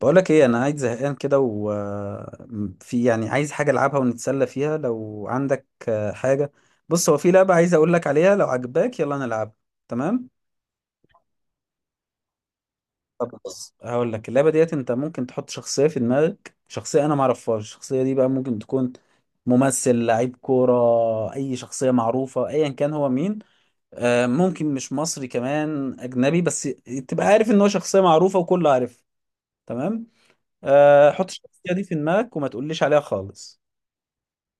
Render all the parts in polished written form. بقولك ايه، انا قاعد زهقان كده وفي يعني عايز حاجه العبها ونتسلى فيها لو عندك، حاجه. بص، هو في لعبه عايز اقول لك عليها، لو عجباك يلا نلعبها. تمام. طب بص، هقول لك اللعبه ديت. انت ممكن تحط شخصيه في دماغك، شخصيه انا ما اعرفهاش. الشخصيه دي بقى ممكن تكون ممثل، لعيب كوره، اي شخصيه معروفه ايا كان هو مين. ممكن مش مصري، كمان اجنبي، بس تبقى عارف ان هو شخصيه معروفه وكل عارف. تمام. حط الشخصية دي في دماغك وما تقوليش عليها خالص.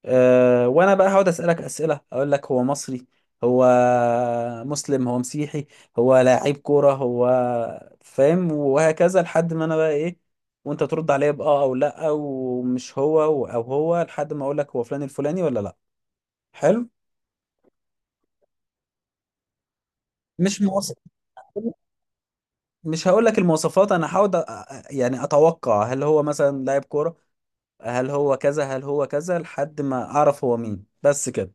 أه، وانا بقى هقعد اسالك اسئله، اقول لك هو مصري؟ هو مسلم؟ هو مسيحي؟ هو لاعب كوره؟ هو فاهم؟ وهكذا لحد ما انا بقى ايه، وانت ترد عليا باه او لا، ومش هو او هو، لحد ما اقول لك هو فلان الفلاني ولا لا. حلو. مش مواصف مش هقول لك المواصفات، انا هحاول يعني اتوقع هل هو مثلا لاعب كوره، هل هو كذا، هل هو كذا لحد ما اعرف هو مين، بس كده.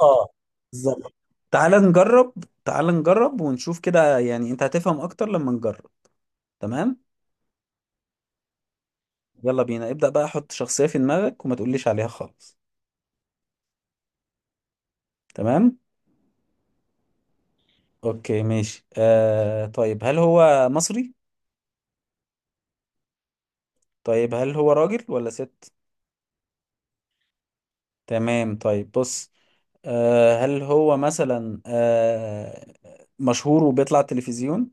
اه، بالظبط. تعال نجرب. تعال نجرب ونشوف كده، يعني انت هتفهم اكتر لما نجرب. تمام. يلا بينا، ابدأ بقى، حط شخصية في دماغك وما تقوليش عليها خالص. تمام. اوكي ماشي. طيب، هل هو مصري؟ طيب هل هو راجل ولا ست؟ تمام، طيب بص. هل هو مثلا مشهور وبيطلع التلفزيون؟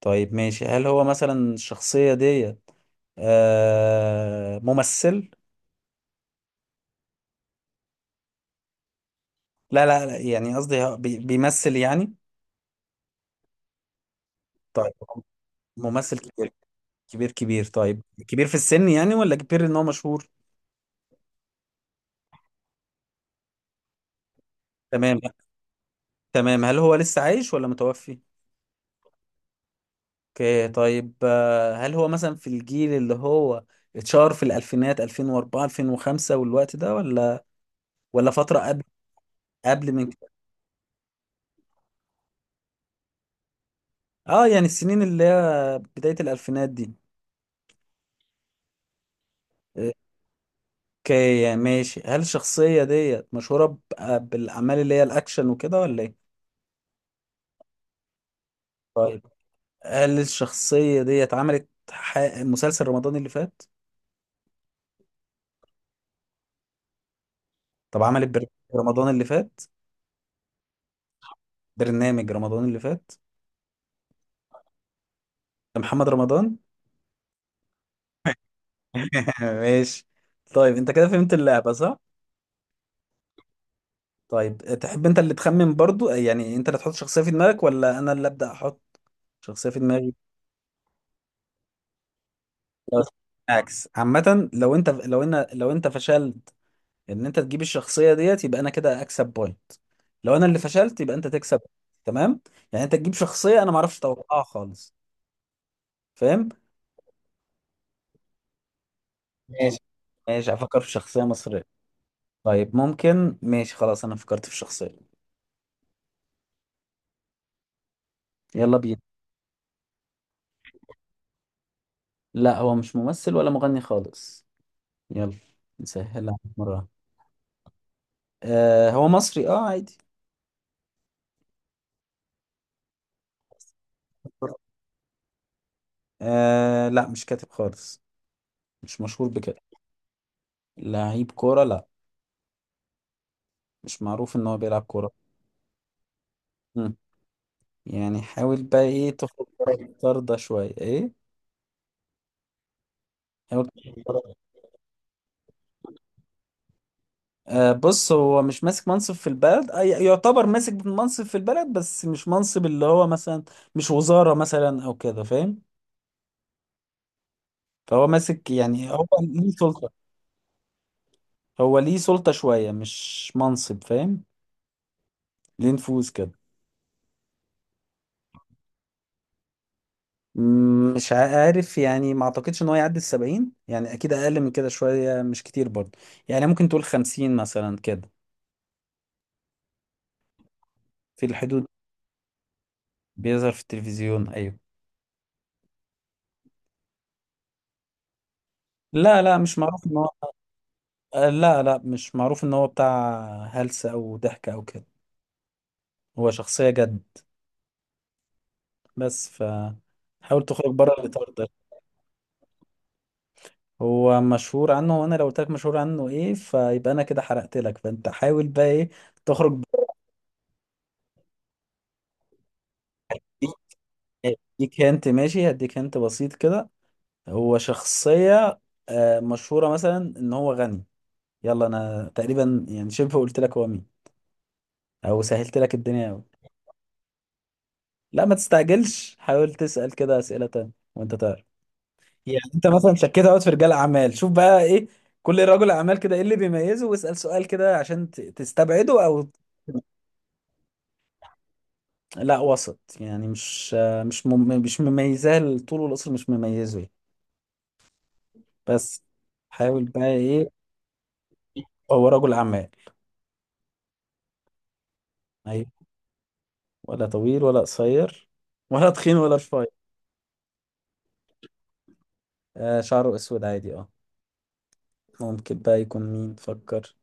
طيب ماشي، هل هو مثلا الشخصية دي ممثل؟ لا لا لا، يعني قصدي هو بيمثل يعني. طيب، ممثل كبير. كبير كبير، طيب. كبير في السن يعني، ولا كبير ان هو مشهور؟ تمام. تمام، هل هو لسه عايش ولا متوفي؟ اوكي طيب، هل هو مثلا في الجيل اللي هو اتشهر في الالفينات 2004 2005 والوقت ده، ولا فترة قبل، قبل من كده؟ اه، يعني السنين اللي هي بداية الالفينات دي. اوكي ماشي، هل الشخصية ديت مشهورة بالاعمال اللي هي الاكشن وكده ولا ايه؟ طيب، هل الشخصية ديت عملت مسلسل رمضان اللي فات؟ طب عملت برنامج رمضان اللي فات؟ برنامج رمضان اللي فات؟ ده محمد رمضان؟ ماشي. طيب انت كده فهمت اللعبة صح؟ طيب، تحب انت اللي تخمن برضو؟ يعني انت اللي تحط شخصية في دماغك، ولا انا اللي ابدأ احط شخصية في دماغي؟ خلاص. عكس. عامة، لو انت لو انا لو انت فشلت ان انت تجيب الشخصية ديت يبقى انا كده اكسب بوينت، لو انا اللي فشلت يبقى انت تكسب. تمام؟ يعني انت تجيب شخصية انا ما اعرفش اتوقعها خالص، فاهم؟ ماشي. ماشي، افكر في شخصية مصرية. طيب ممكن. ماشي خلاص، انا فكرت في شخصية. يلا بينا. لا، هو مش ممثل ولا مغني خالص. يلا، نسهل عليك مرة. هو مصري، اه، عادي. لا، مش كاتب خالص، مش مشهور بكده. لعيب كورة لا، مش معروف ان هو بيلعب كورة. مم. يعني حاول بقى ايه تخرج بره الإطار ده شوية، ايه. حاول. بص، هو مش ماسك منصب في البلد، يعتبر ماسك منصب في البلد، بس مش منصب اللي هو مثلا مش وزارة مثلا او كده، فاهم؟ فهو ماسك، يعني هو ليه سلطة، هو ليه سلطة شوية، مش منصب، فاهم؟ ليه نفوذ كده. مش عارف يعني، ما اعتقدش ان هو يعدي 70، يعني اكيد اقل من كده شوية، مش كتير برضه. يعني ممكن تقول 50 مثلا كده، في الحدود. بيظهر في التلفزيون، ايوه. لا لا، مش معروف. لا لا، مش معروف ان هو بتاع هلس او ضحك او كده، هو شخصية جد. بس حاول تخرج بره الاطار ده. هو مشهور عنه، وانا لو قلت لك مشهور عنه ايه فيبقى انا كده حرقت لك. فانت حاول بقى ايه تخرج بره. اديك هنت، ماشي؟ هديك هنت بسيط كده. هو شخصية مشهورة مثلا ان هو غني. يلا، انا تقريبا يعني شبه قلت لك هو مين، او سهلت لك الدنيا قوي. لا، ما تستعجلش، حاول تسأل كده اسئلة تانية وانت تعرف، يعني انت مثلا شكيت اهوت في رجال اعمال، شوف بقى ايه كل رجل اعمال كده ايه اللي بيميزه، واسال سؤال كده عشان تستبعده او. لا وسط يعني، مش مميزاه الطول والقصر، مش مميزه يعني. بس حاول بقى ايه. هو رجل اعمال، ايوه. ولا طويل ولا قصير، ولا تخين ولا رفيع. شعره اسود عادي، اه. ممكن بقى يكون مين، فكر،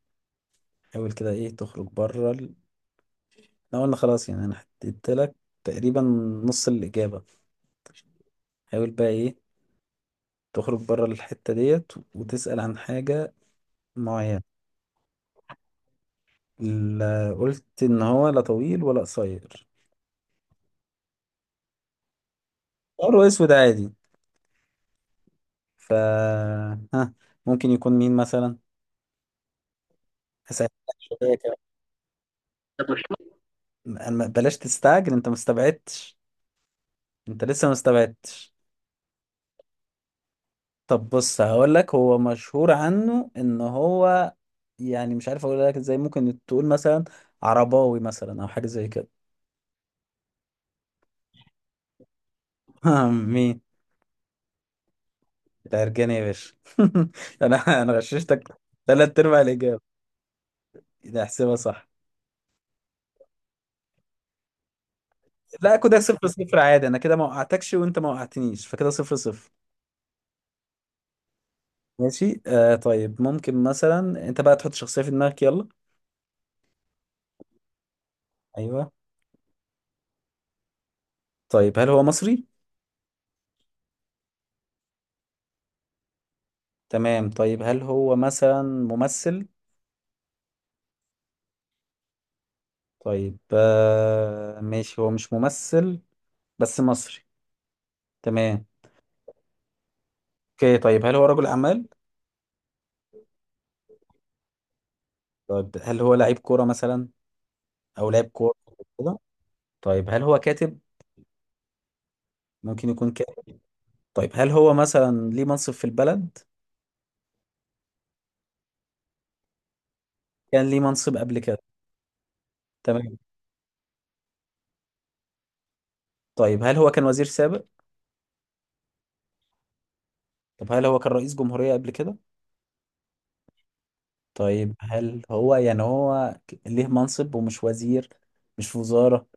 حاول كده ايه تخرج بره احنا قلنا خلاص، يعني انا حددت لك تقريبا نص الاجابه. حاول بقى ايه تخرج بره الحتة ديت وتسأل عن حاجة معينة. لا، قلت ان هو لا طويل ولا قصير. حمار واسود عادي. ف ها، ممكن يكون مين مثلا. هسألك شوية كمان، بلاش تستعجل، انت ما استبعدتش، انت لسه ما استبعدتش. طب بص، هقول لك هو مشهور عنه ان هو، يعني مش عارف اقول لك ازاي، ممكن تقول مثلا عرباوي مثلا، او حاجة زي كده. مين؟ انت هرجاني يا باشا. انا، غششتك ثلاث ارباع الاجابه. ده احسبها صح. لا، كده صفر صفر عادي، انا كده ما وقعتكش وانت ما وقعتنيش، فكده صفر صفر. ماشي، طيب، ممكن مثلا انت بقى تحط شخصيه في دماغك، يلا. ايوه. طيب هل هو مصري؟ تمام، طيب هل هو مثلا ممثل؟ طيب، ماشي، هو مش ممثل، بس مصري، تمام. اوكي طيب، هل هو رجل اعمال؟ طيب هل هو لعيب كوره مثلا، او لاعب كوره، كده؟ طيب هل هو كاتب، ممكن يكون؟ طيب هل هو مثلا ليه منصب في البلد؟ كان ليه منصب قبل كده، تمام. طيب هل هو كان وزير سابق؟ طب هل هو كان رئيس جمهورية قبل كده؟ طيب هل هو يعني هو ليه منصب ومش وزير، مش في وزارة؟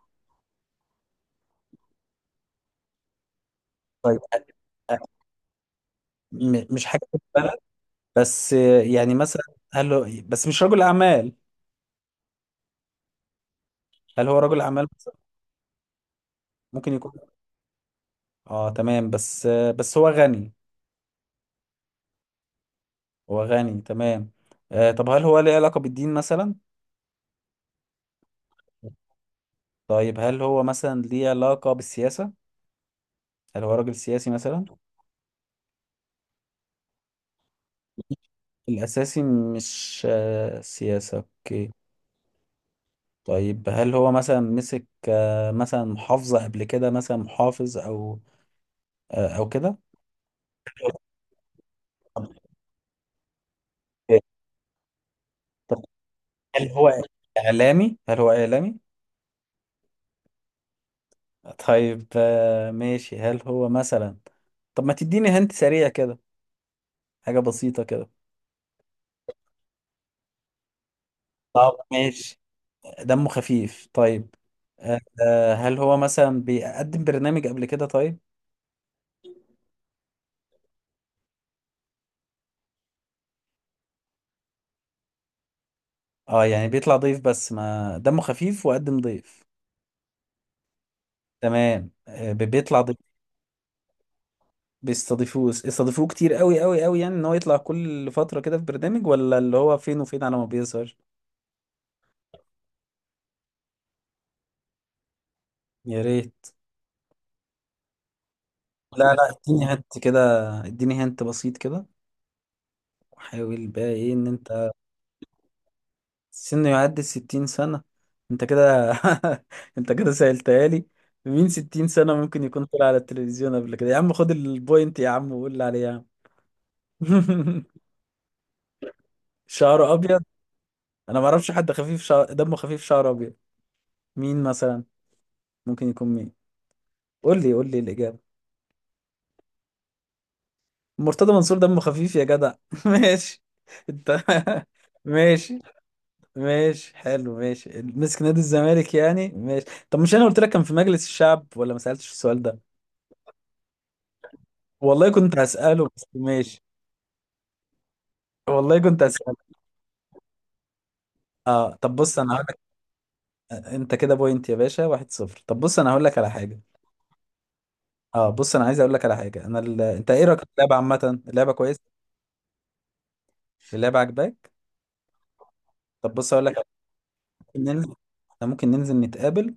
طيب أ- مش حاجة في البلد. بس يعني مثلا، هل هو بس مش رجل أعمال، هل هو رجل أعمال مثلا؟ ممكن يكون. اه تمام، بس هو غني. هو غني، تمام. طب، هل هو ليه علاقة بالدين مثلا؟ طيب هل هو مثلا ليه علاقة بالسياسة؟ هل هو راجل سياسي مثلا؟ الأساسي مش سياسة، أوكي. طيب هل هو مثلا مسك مثلا محافظة قبل كده، مثلا محافظ أو أو كده. طب طب هل هو هل هو إعلامي؟ طيب، ماشي، هل هو مثلا. طب ما تديني هنت سريع كده، حاجة بسيطة كده. طب ماشي، دمه خفيف، طيب. هل هو مثلا بيقدم برنامج قبل كده، طيب؟ اه، يعني بيطلع ضيف، بس ما دمه خفيف وقدم ضيف. تمام، بيطلع ضيف. بيستضيفوه، استضيفوه كتير قوي قوي قوي، يعني ان هو يطلع كل فترة كده في برنامج، ولا اللي هو فين وفين على ما بيظهر. يا ريت. لا لا، اديني هنت كده، اديني هنت بسيط كده، وحاول بقى ايه ان انت. سنه يعدي 60 سنة؟ انت كده انت كده سألتها لي. مين 60 سنة ممكن يكون طلع على التلفزيون قبل كده؟ يا عم خد البوينت يا عم، وقول لي عليه يا عم. شعره ابيض. انا ما اعرفش حد خفيف دمه خفيف شعره ابيض. مين مثلا، ممكن يكون مين؟ قول لي الإجابة. مرتضى منصور دمه خفيف يا جدع؟ ماشي. انت. ماشي. ماشي حلو، ماشي مسك نادي الزمالك، يعني ماشي. طب مش انا قلت لك كان في مجلس الشعب، ولا ما سألتش السؤال ده؟ والله كنت هسأله، بس ماشي. والله كنت هسأله. اه، طب بص انا هقول لك، انت كده بوينت يا باشا، 1-0. طب بص انا هقول لك على حاجة. اه بص، انا عايز اقول لك على حاجة انا انت ايه رأيك في اللعبة عامة؟ اللعبة كويسة؟ اللعبة عجباك؟ طب بص اقول لك ممكن ننزل، احنا ممكن ننزل نتقابل،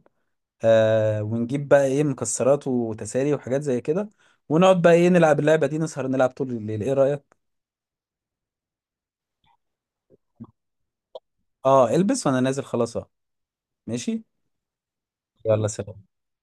ونجيب بقى ايه مكسرات وتسالي وحاجات زي كده، ونقعد بقى ايه نلعب اللعبة دي، نسهر نلعب طول الليل، ايه رأيك؟ اه، البس وانا نازل، خلاص اهو. ماشي. يلا سلام.